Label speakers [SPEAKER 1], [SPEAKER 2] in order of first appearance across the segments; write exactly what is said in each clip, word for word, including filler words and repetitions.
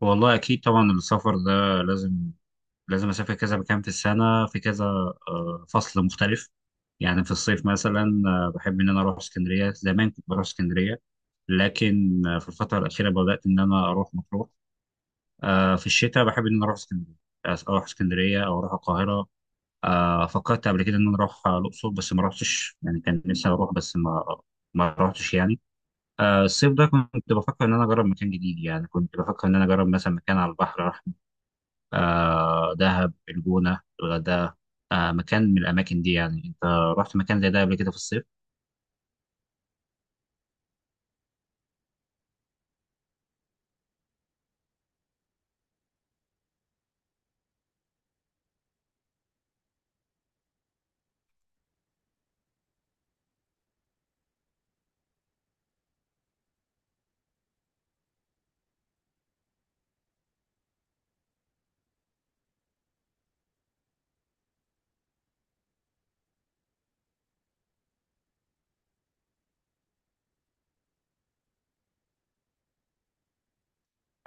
[SPEAKER 1] والله اكيد طبعا السفر ده لازم، لازم اسافر كذا مكان في السنه في كذا، آه، فصل مختلف. يعني في الصيف مثلا آه، بحب ان انا اروح اسكندريه. زمان كنت بروح اسكندريه، لكن آه، في الفتره الاخيره بدات ان انا اروح مطروح. آه، في الشتاء بحب ان انا اروح اسكندريه، آه، اروح اسكندريه او اروح القاهره. آه، فكرت قبل كده ان انا اروح آه، الاقصر، بس ما رحتش يعني، كان نفسي اروح بس ما ما رحتش يعني. آه، الصيف ده كنت بفكر ان انا اجرب مكان جديد، يعني كنت بفكر ان انا اجرب مثلا مكان على البحر. آه دهب، الجونة، الغردقة، آه مكان من الأماكن دي. يعني أنت رحت مكان زي ده قبل كده في الصيف؟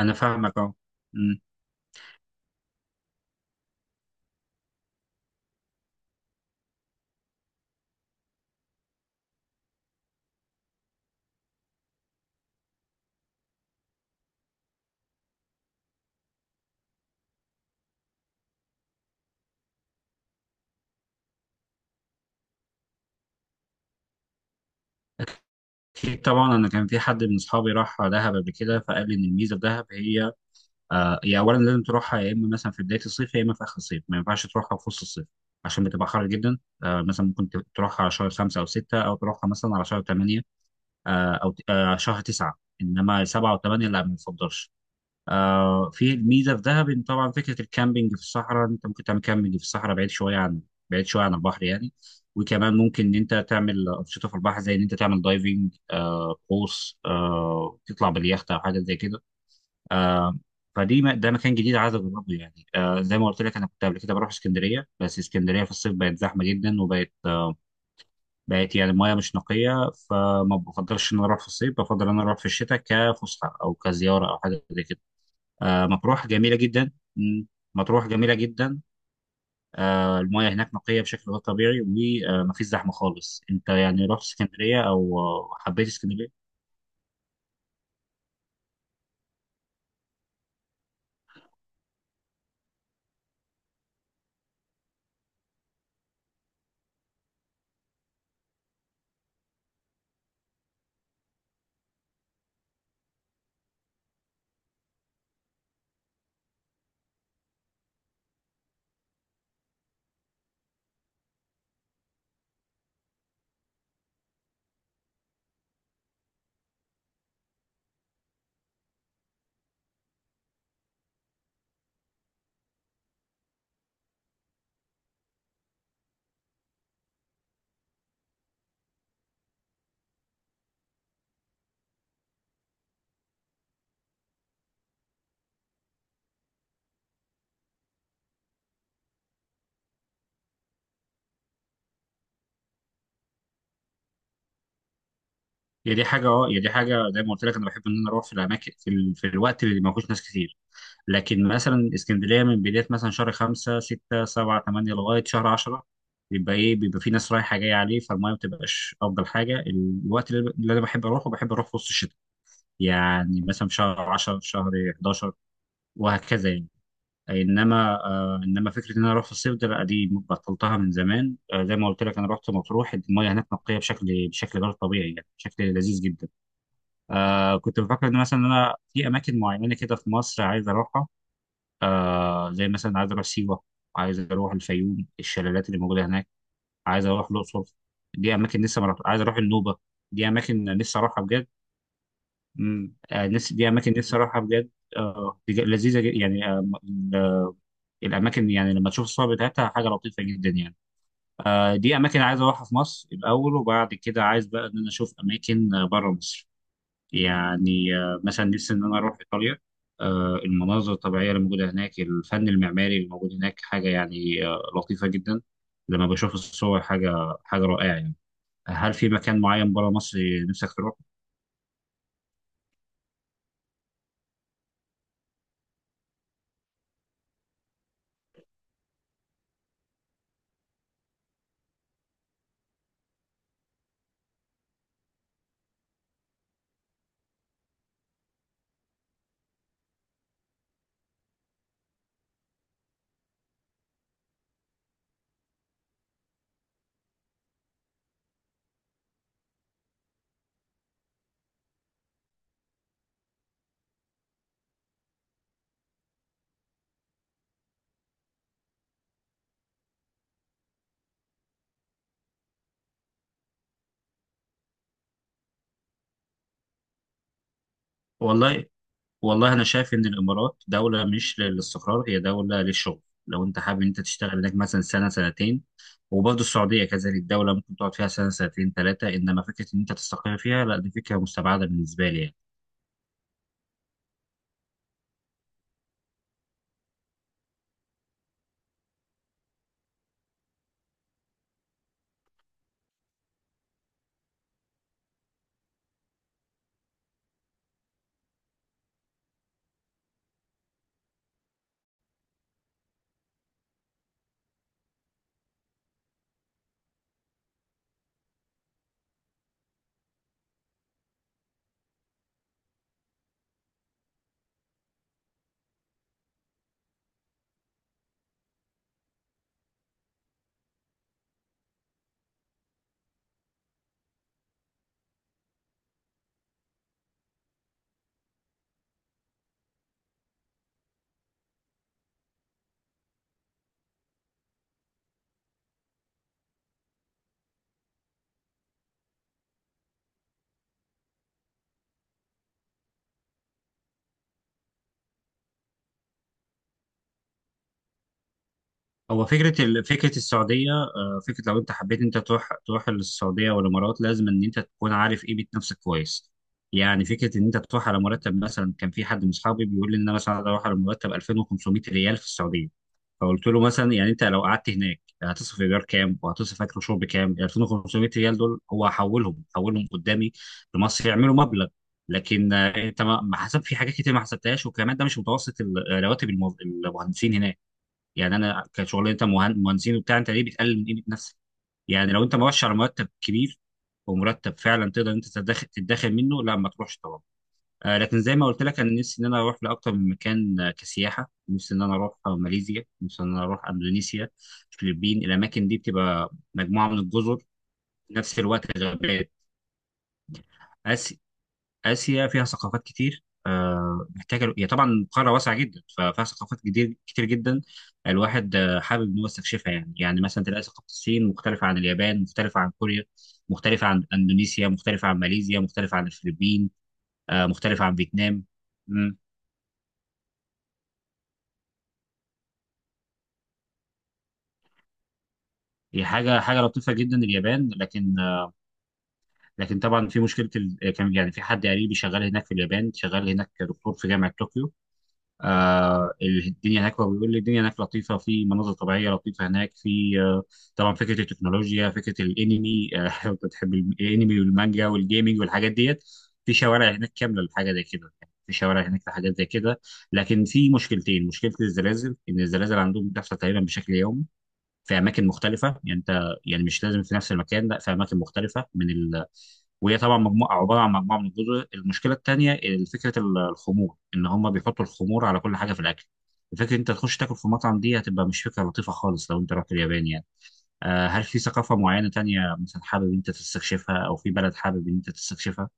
[SPEAKER 1] أنا فاهمك، أه. أمم. في طبعا، أنا كان في حد من أصحابي راح دهب قبل كده، فقال لي إن الميزة في دهب هي آه هي أولا لازم تروحها يا إما مثلا في بداية الصيف، يا إما في آخر الصيف، ما ينفعش تروحها في وسط الصيف عشان بتبقى حر جدا. آه مثلا ممكن ت- تروحها على شهر خمسة أو ستة، أو تروحها مثلا على شهر تمانية، آه أو ت- آه شهر تسعة. إنما سبعة وثمانية لا، ما بنفضلش. آه في ميزه في دهب ان طبعا فكره الكامبينج في الصحراء، انت ممكن تعمل كامبينج في الصحراء بعيد شويه عن بعيد شويه عن البحر يعني. وكمان ممكن ان انت تعمل انشطه في البحر، زي ان انت تعمل دايفنج، آه قوس، آه تطلع باليخت او حاجه زي كده. آه فدي م- ده مكان جديد عايز اجربه يعني. آه زي ما قلت لك انا كنت قبل كده بروح اسكندريه، بس اسكندريه في الصيف بقت زحمه جدا، وبقت آه بقت يعني المياه مش نقيه، فما بفضلش ان انا اروح في الصيف، بفضل ان انا اروح في الشتاء كفسحه او كزياره او حاجه زي كده. آه، مطروح جميلة جدا. مم. مطروح جميلة جدا، آه، المياه هناك نقية بشكل غير طبيعي ومفيش زحمة خالص. انت يعني رحت اسكندرية او آه، حبيت اسكندرية؟ هي دي حاجة اه هي دي حاجة زي ما قلت لك، انا بحب ان انا اروح في الاماكن في, ال... في الوقت اللي ما فيهوش ناس كتير. لكن مثلا اسكندرية من بداية مثلا شهر خمسة، ستة، سبعة، تمانية لغاية شهر عشرة، بيبقى ايه، بيبقى في ناس رايحة جاية عليه، فالمياه ما بتبقاش افضل حاجة. الوقت اللي اللي انا بحب اروحه بحب اروح في وسط الشتاء، يعني مثلا في شهر عشرة، في شهر حداشر، وهكذا. يعني انما آه انما فكره ان انا اروح في الصيف ده لا، دي بطلتها من زمان. آه زي ما قلت لك انا رحت مطروح، المياه هناك نقيه بشكل بشكل غير طبيعي، يعني بشكل لذيذ جدا. آه كنت بفكر ان مثلا انا في اماكن معينه كده في مصر عايز اروحها، آه زي مثلا عايز اروح سيوه، عايز اروح الفيوم، الشلالات اللي موجوده هناك، عايز اروح الاقصر. دي اماكن لسه ما رحت، عايز اروح النوبه. دي اماكن لسه اروحها بجد. مم. آه نفسي- دي اماكن لسه اروحها بجد. آه دي ج- لذيذه جدا يعني. آه الاماكن يعني لما تشوف الصور بتاعتها حاجه لطيفه جدا يعني. آه، دي اماكن عايز اروحها في مصر الاول، وبعد كده عايز بقى ان انا اشوف اماكن آه، بره مصر. يعني آه، مثلا نفسي ان انا اروح ايطاليا، آه، المناظر الطبيعيه اللي موجوده هناك، الفن المعماري اللي موجود هناك حاجه يعني آه، لطيفه جدا. لما بشوف الصور حاجه، حاجه رائعه يعني. هل في مكان معين بره مصر نفسك تروح؟ والله، والله انا شايف ان الامارات دوله مش للاستقرار، هي دوله للشغل. لو انت حابب ان انت تشتغل هناك مثلا سنه سنتين. وبرضه السعوديه كذلك دوله ممكن تقعد فيها سنه، سنتين، ثلاثه، انما فكره ان انت تستقر فيها لا، دي فكره مستبعده بالنسبه لي يعني. هو فكرة ال- فكرة السعودية، آه، فكرة لو أنت حبيت أنت تروح، تروح للسعودية والإمارات، لازم إن أنت تكون عارف قيمة نفسك كويس. يعني فكرة إن أنت تروح على مرتب، مثلا كان في حد من أصحابي بيقول لي إن أنا مثلا أروح على مرتب الفين وخمسميه ريال في السعودية. فقلت له مثلا، يعني أنت لو قعدت هناك هتصرف إيجار كام وهتصرف أكل وشرب كام؟ ال الفين وخمسميه ريال دول هو هحولهم هحولهم قدامي لمصر يعملوا مبلغ. لكن آه، أنت ما ما حسب في حاجات كتير ما حسبتهاش، وكمان ده مش متوسط ال- رواتب الموظ- المهندسين هناك. يعني انا كشغل، انت مهن- مهندسين وبتاع، انت ليه بتقلل من قيمه نفسك؟ يعني لو انت مؤشر مرتب كبير، ومرتب فعلا تقدر انت تدخل تتدخل منه، لا ما تروحش طبعا. آه لكن زي ما قلت لك انا نفسي ان انا اروح لاكتر من مكان، آه، كسياحه. نفسي ان انا اروح آه، ماليزيا، نفسي ان انا اروح اندونيسيا، الفلبين. الاماكن دي بتبقى مجموعه من الجزر، في نفس الوقت غابات. آسيا. آسيا فيها ثقافات كتير، آه، محتاجة، هي طبعا قارة واسعة جدا ففيها ثقافات كتير كتير جدا. الواحد آه، حابب إن هو يستكشفها يعني يعني مثلا تلاقي ثقافة الصين مختلفة عن اليابان، مختلفة عن كوريا، مختلفة عن إندونيسيا، مختلفة عن ماليزيا، مختلفة عن الفلبين، آه، مختلفة عن فيتنام. مم. هي حاجة، حاجة لطيفة جدا اليابان، لكن آه، لكن طبعا في مشكلة، ال- كان يعني في حد قريبي شغال هناك في اليابان، شغال هناك دكتور في جامعة طوكيو. آه الدنيا هناك، هو بيقول لي الدنيا هناك لطيفه، في مناظر طبيعيه لطيفه هناك، في آه طبعا فكره التكنولوجيا، فكره الانمي، آه لو انت بتحب الانمي والمانجا والجيمنج والحاجات ديت، في شوارع هناك كامله لحاجه زي كده، يعني في شوارع هناك لحاجات زي كده. لكن في مشكلتين، مشكله الزلازل ان الزلازل عندهم بتحصل تقريبا بشكل يومي في اماكن مختلفه، يعني انت يعني مش لازم في نفس المكان، لا في اماكن مختلفه من ال... وهي طبعا مجموعه، عباره عن مجموعه من الجزر. المشكله الثانيه فكره ال- الخمور، ان هم بيحطوا الخمور على كل حاجه في الاكل. الفكره إن انت تخش تاكل في مطعم دي هتبقى مش فكره لطيفه خالص لو انت رحت اليابان يعني. آه، هل في ثقافه معينه تانية مثلا حابب انت تستكشفها، او في بلد حابب ان انت تستكشفها؟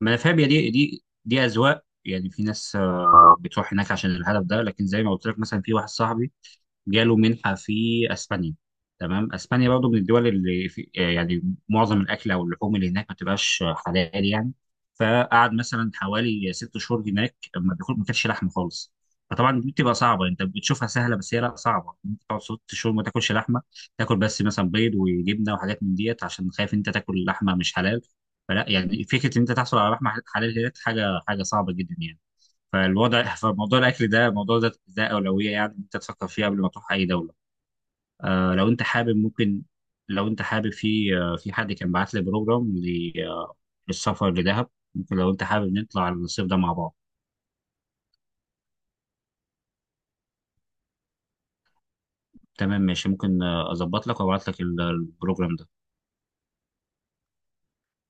[SPEAKER 1] ما انا فاهم، هي دي دي دي اذواق يعني. في ناس آه، بتروح هناك عشان الهدف ده، لكن زي ما قلت لك مثلا في واحد صاحبي جاله منحة في اسبانيا. تمام، اسبانيا برضه من الدول اللي في آه، يعني معظم الاكل او اللحوم اللي هناك ما بتبقاش حلال يعني. فقعد مثلا حوالي ست شهور هناك ما بياكل، ما كانش لحمه خالص. فطبعا دي بتبقى صعبه، انت بتشوفها سهله بس هي لا، صعبه انت تقعد ست شهور ما تاكلش لحمه، تاكل بس مثلا بيض وجبنه وحاجات من ديت، عشان خايف انت تاكل لحمه مش حلال. فلا، يعني فكره ان انت تحصل على لحمه حلال هي حاجه، حاجه صعبه جدا يعني. فالوضع، فموضوع الاكل ده، موضوع ده ده اولويه يعني، انت تفكر فيه قبل ما تروح اي دوله. آه لو انت حابب ممكن، لو انت حابب، في آه في حد كان بعت لي بروجرام ل- آه، للسفر لدهب، ممكن لو انت حابب نطلع الصيف ده مع بعض. تمام ماشي، ممكن آه، اظبط لك وابعت لك ال- آه، البروجرام ده.